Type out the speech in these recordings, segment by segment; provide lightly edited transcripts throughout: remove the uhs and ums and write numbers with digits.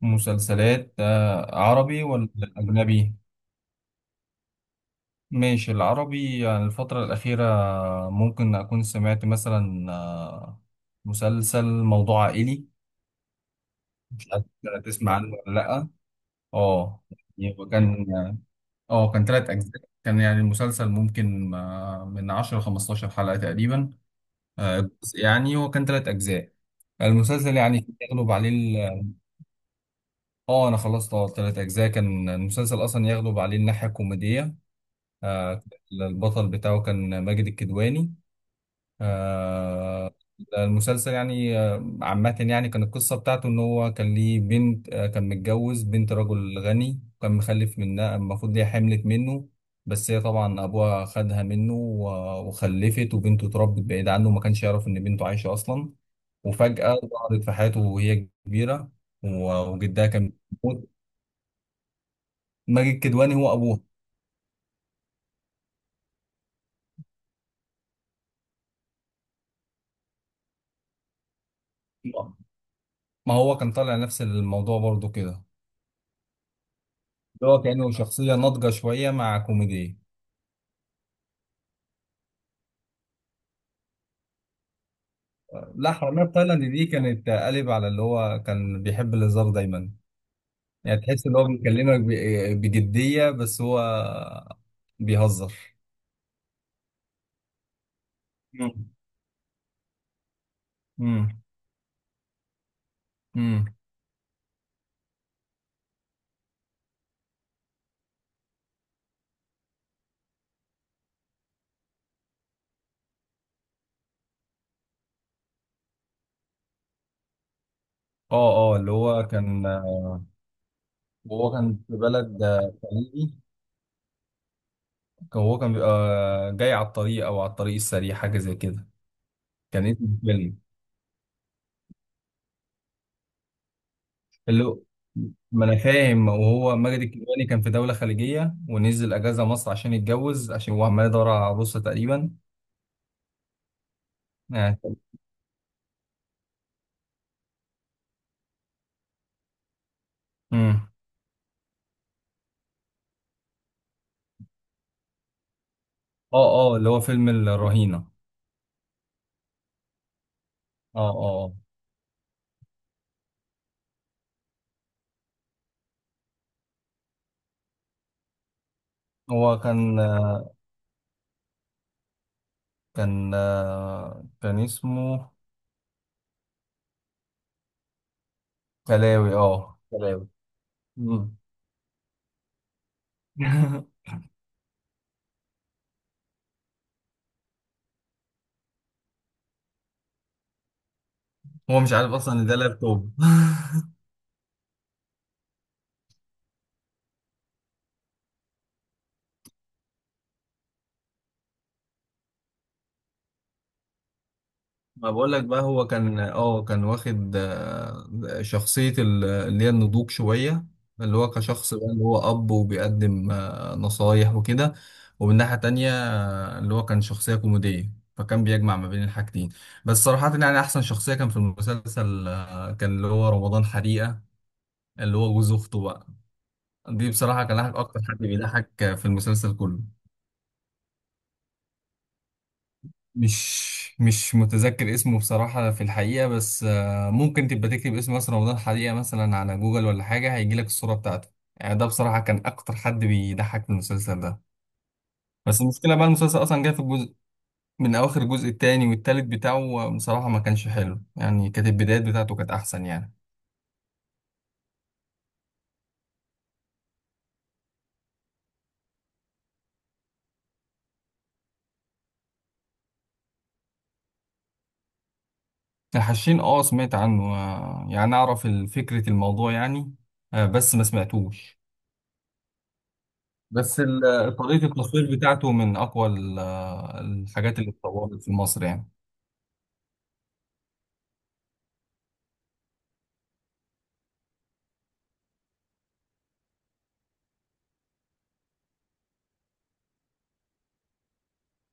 مسلسلات عربي ولا أجنبي؟ ماشي، العربي يعني الفترة الأخيرة، ممكن أكون سمعت مثلا مسلسل موضوع عائلي. مش عارف، تسمع عنه ولا لأ؟ اه. يعني هو كان تلات أجزاء، كان يعني المسلسل ممكن من 10 ل15 حلقة تقريبا. جزء يعني، هو كان تلات أجزاء. المسلسل يعني يغلب عليه أنا خلصت تلات أجزاء. كان المسلسل أصلا يغلب عليه الناحية الكوميدية. آه، البطل بتاعه كان ماجد الكدواني. آه، المسلسل يعني عامة، يعني كان القصة بتاعته إن هو كان ليه بنت، كان متجوز بنت رجل غني، وكان مخلف منها، المفروض هي حملت منه. بس هي طبعا أبوها خدها منه وخلفت، وبنته اتربت بعيد عنه وما كانش يعرف إن بنته عايشة أصلا. وفجأة ظهرت في حياته وهي كبيرة، وجدها كان بيموت. ماجد الكدواني هو أبوها. ما هو كان طالع نفس الموضوع برضه كده، اللي هو كأنه شخصية ناضجة شوية مع كوميديا. لا، حرامية في تايلاند دي كانت قالب على اللي هو كان بيحب الهزار دايما. يعني تحس ان هو بيكلمك بجدية، بس هو بيهزر. مم. مم. مم. اه اه، اللي هو كان، وهو كان في بلد خليجي. هو كان بيبقى جاي على الطريق او على الطريق السريع، حاجة زي كده. كان اسم الفيلم اللي هو- ما انا فاهم، وهو ماجد الكدواني كان في دولة خليجية ونزل اجازة مصر عشان يتجوز، عشان هو عمال يدور على عروسة تقريبا يعني. امم اه اه، اللي هو فيلم الرهينة. اه اه آه. هو كان اسمه كلاوي. اه كلاوي. مم. هو مش عارف اصلا ان ده لابتوب. ما بقول لك بقى، هو كان واخد شخصية اللي هي النضوج شوية، اللي هو كشخص بقى، اللي هو أب وبيقدم نصايح وكده. ومن ناحية تانية اللي هو كان شخصية كوميدية، فكان بيجمع ما بين الحاجتين. بس صراحة يعني، أحسن شخصية كان في المسلسل كان اللي هو رمضان حريقة، اللي هو جوز أخته بقى. دي بصراحة كان أكتر حد بيضحك في المسلسل كله. مش متذكر اسمه بصراحة في الحقيقة، بس ممكن تبقى تكتب اسم ياسر رمضان حقيقة مثلا على جوجل ولا حاجة، هيجيلك الصورة بتاعته. يعني ده بصراحة كان أكتر حد بيضحك في المسلسل ده. بس المشكلة بقى، المسلسل أصلا جاي في الجزء من أواخر الجزء التاني والتالت بتاعه، بصراحة ما كانش حلو يعني، كانت البدايات بتاعته كانت أحسن يعني. الحشين، أه سمعت عنه، يعني أعرف فكرة الموضوع يعني، بس ما سمعتوش. بس طريقة التصوير بتاعته من أقوى الحاجات اللي اتطورت في مصر يعني.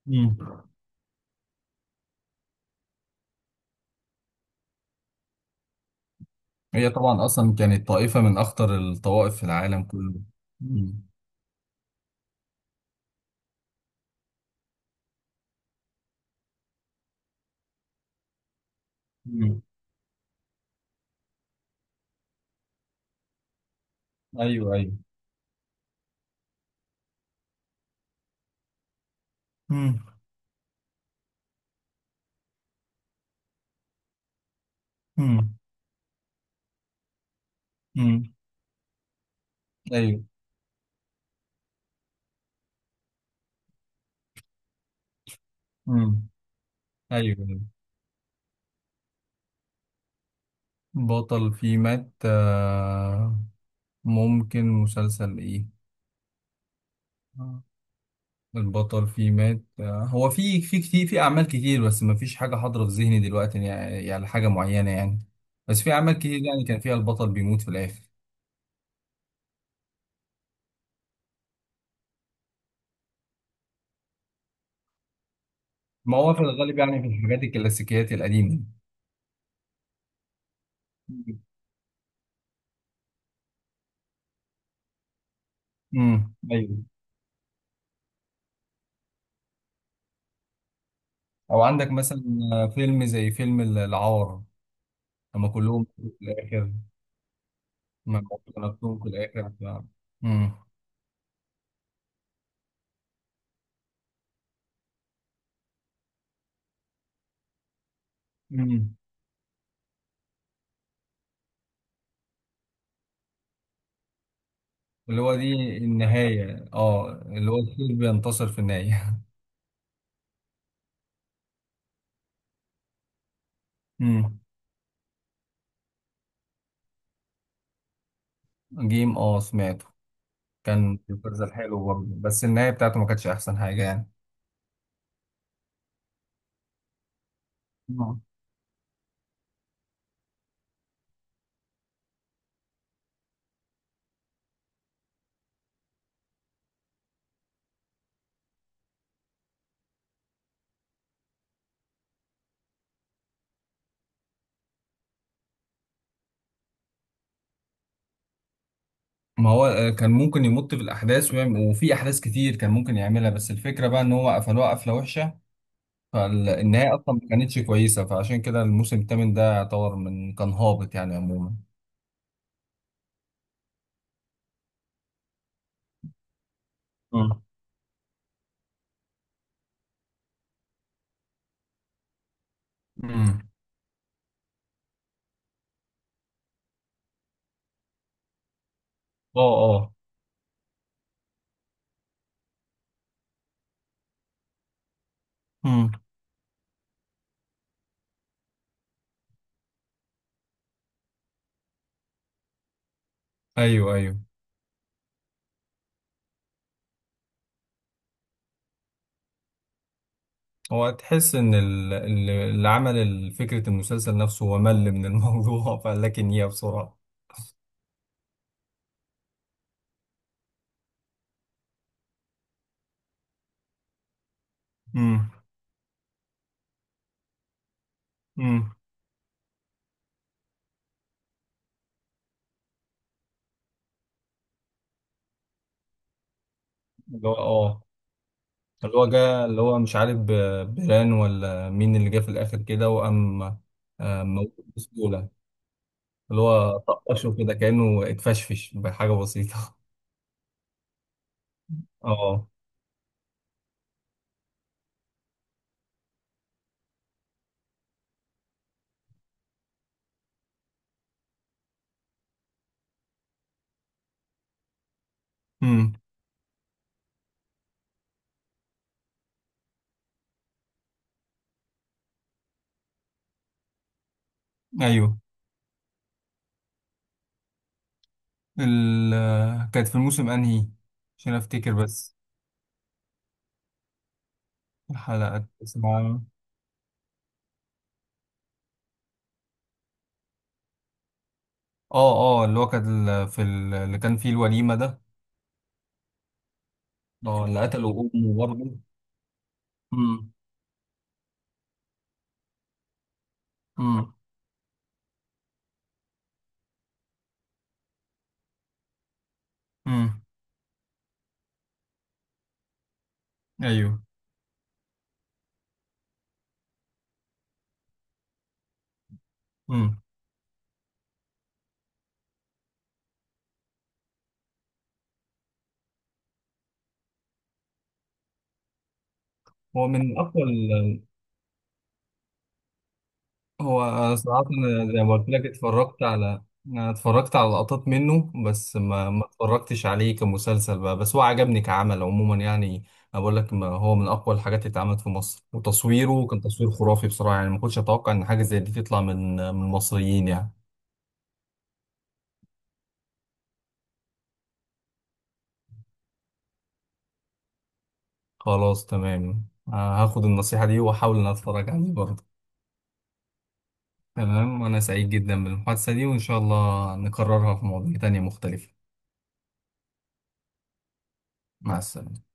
مم. هي طبعا أصلا كانت طائفة من أخطر الطوائف في العالم كله. مم. مم. أيوه أيوه. مم. مم. مم. أيوه. مم. أيوه أيوه. بطل فيه مات، ممكن مسلسل إيه، البطل فيه مات هو في كتير، في اعمال كتير، بس ما فيش حاجه حاضره في ذهني دلوقتي يعني، حاجه معينه يعني. بس في اعمال كتير يعني كان فيها البطل بيموت في الاخر. ما هو في الغالب يعني في الحاجات الكلاسيكيات القديمه. ايوه. او عندك مثلا فيلم زي فيلم العار، لما كلهم في الاخر، لما موتوا نفسهم في الاخر. امم امم اللي هو دي النهايه، اللي هو الخير بينتصر في النهايه. امم جيم، سمعته. كان مسلسل حلو برضه، بس النهاية بتاعته ما كانتش أحسن حاجة يعني. آه. ما هو كان ممكن يمط في الأحداث ويعمل، وفي أحداث كتير كان ممكن يعملها، بس الفكرة بقى إن هو قفلوها قفلة وحشة. فالنهاية أصلا ما كانتش كويسة، فعشان كده الموسم الثامن ده يعتبر من كان هابط يعني عموما. آه. امم اه اه، امم ايوه ايوه. هو تحس ان اللي عمل فكره المسلسل نفسه، هو مل من الموضوع. فقال لك ان هي بسرعه. امم امم اللي هو اه اللي هو جه، اللي هو مش عارف بيران ولا مين اللي جه في الآخر كده، وقام موته بسهولة، اللي هو طقشه كده كأنه اتفشفش بحاجة بسيطة. اه، امم ايوه. ال... كانت في الموسم انهي، عشان افتكر بس؟ الحلقة اسمها. اه اه، اللي هو كان في اللي كان فيه الوليمة ده. اه، اللي قتلوا امه برضه. امم امم امم ايوه. امم. هو من اقوى. هو أنا صراحة، أنا زي ما قلت لك اتفرجت على لقطات منه، بس ما اتفرجتش عليه كمسلسل بقى، بس هو عجبني كعمل عموما يعني. أنا بقول لك ما هو من أقوى الحاجات اللي اتعملت في مصر، وتصويره كان تصوير خرافي بصراحة يعني، ما كنتش أتوقع إن حاجة زي دي تطلع من المصريين يعني. خلاص تمام. هاخد النصيحة دي وأحاول إن أنا أتفرج عليه برضه. تمام، وأنا سعيد جدا بالمحادثة دي وإن شاء الله نكررها في مواضيع تانية مختلفة. مع السلامة.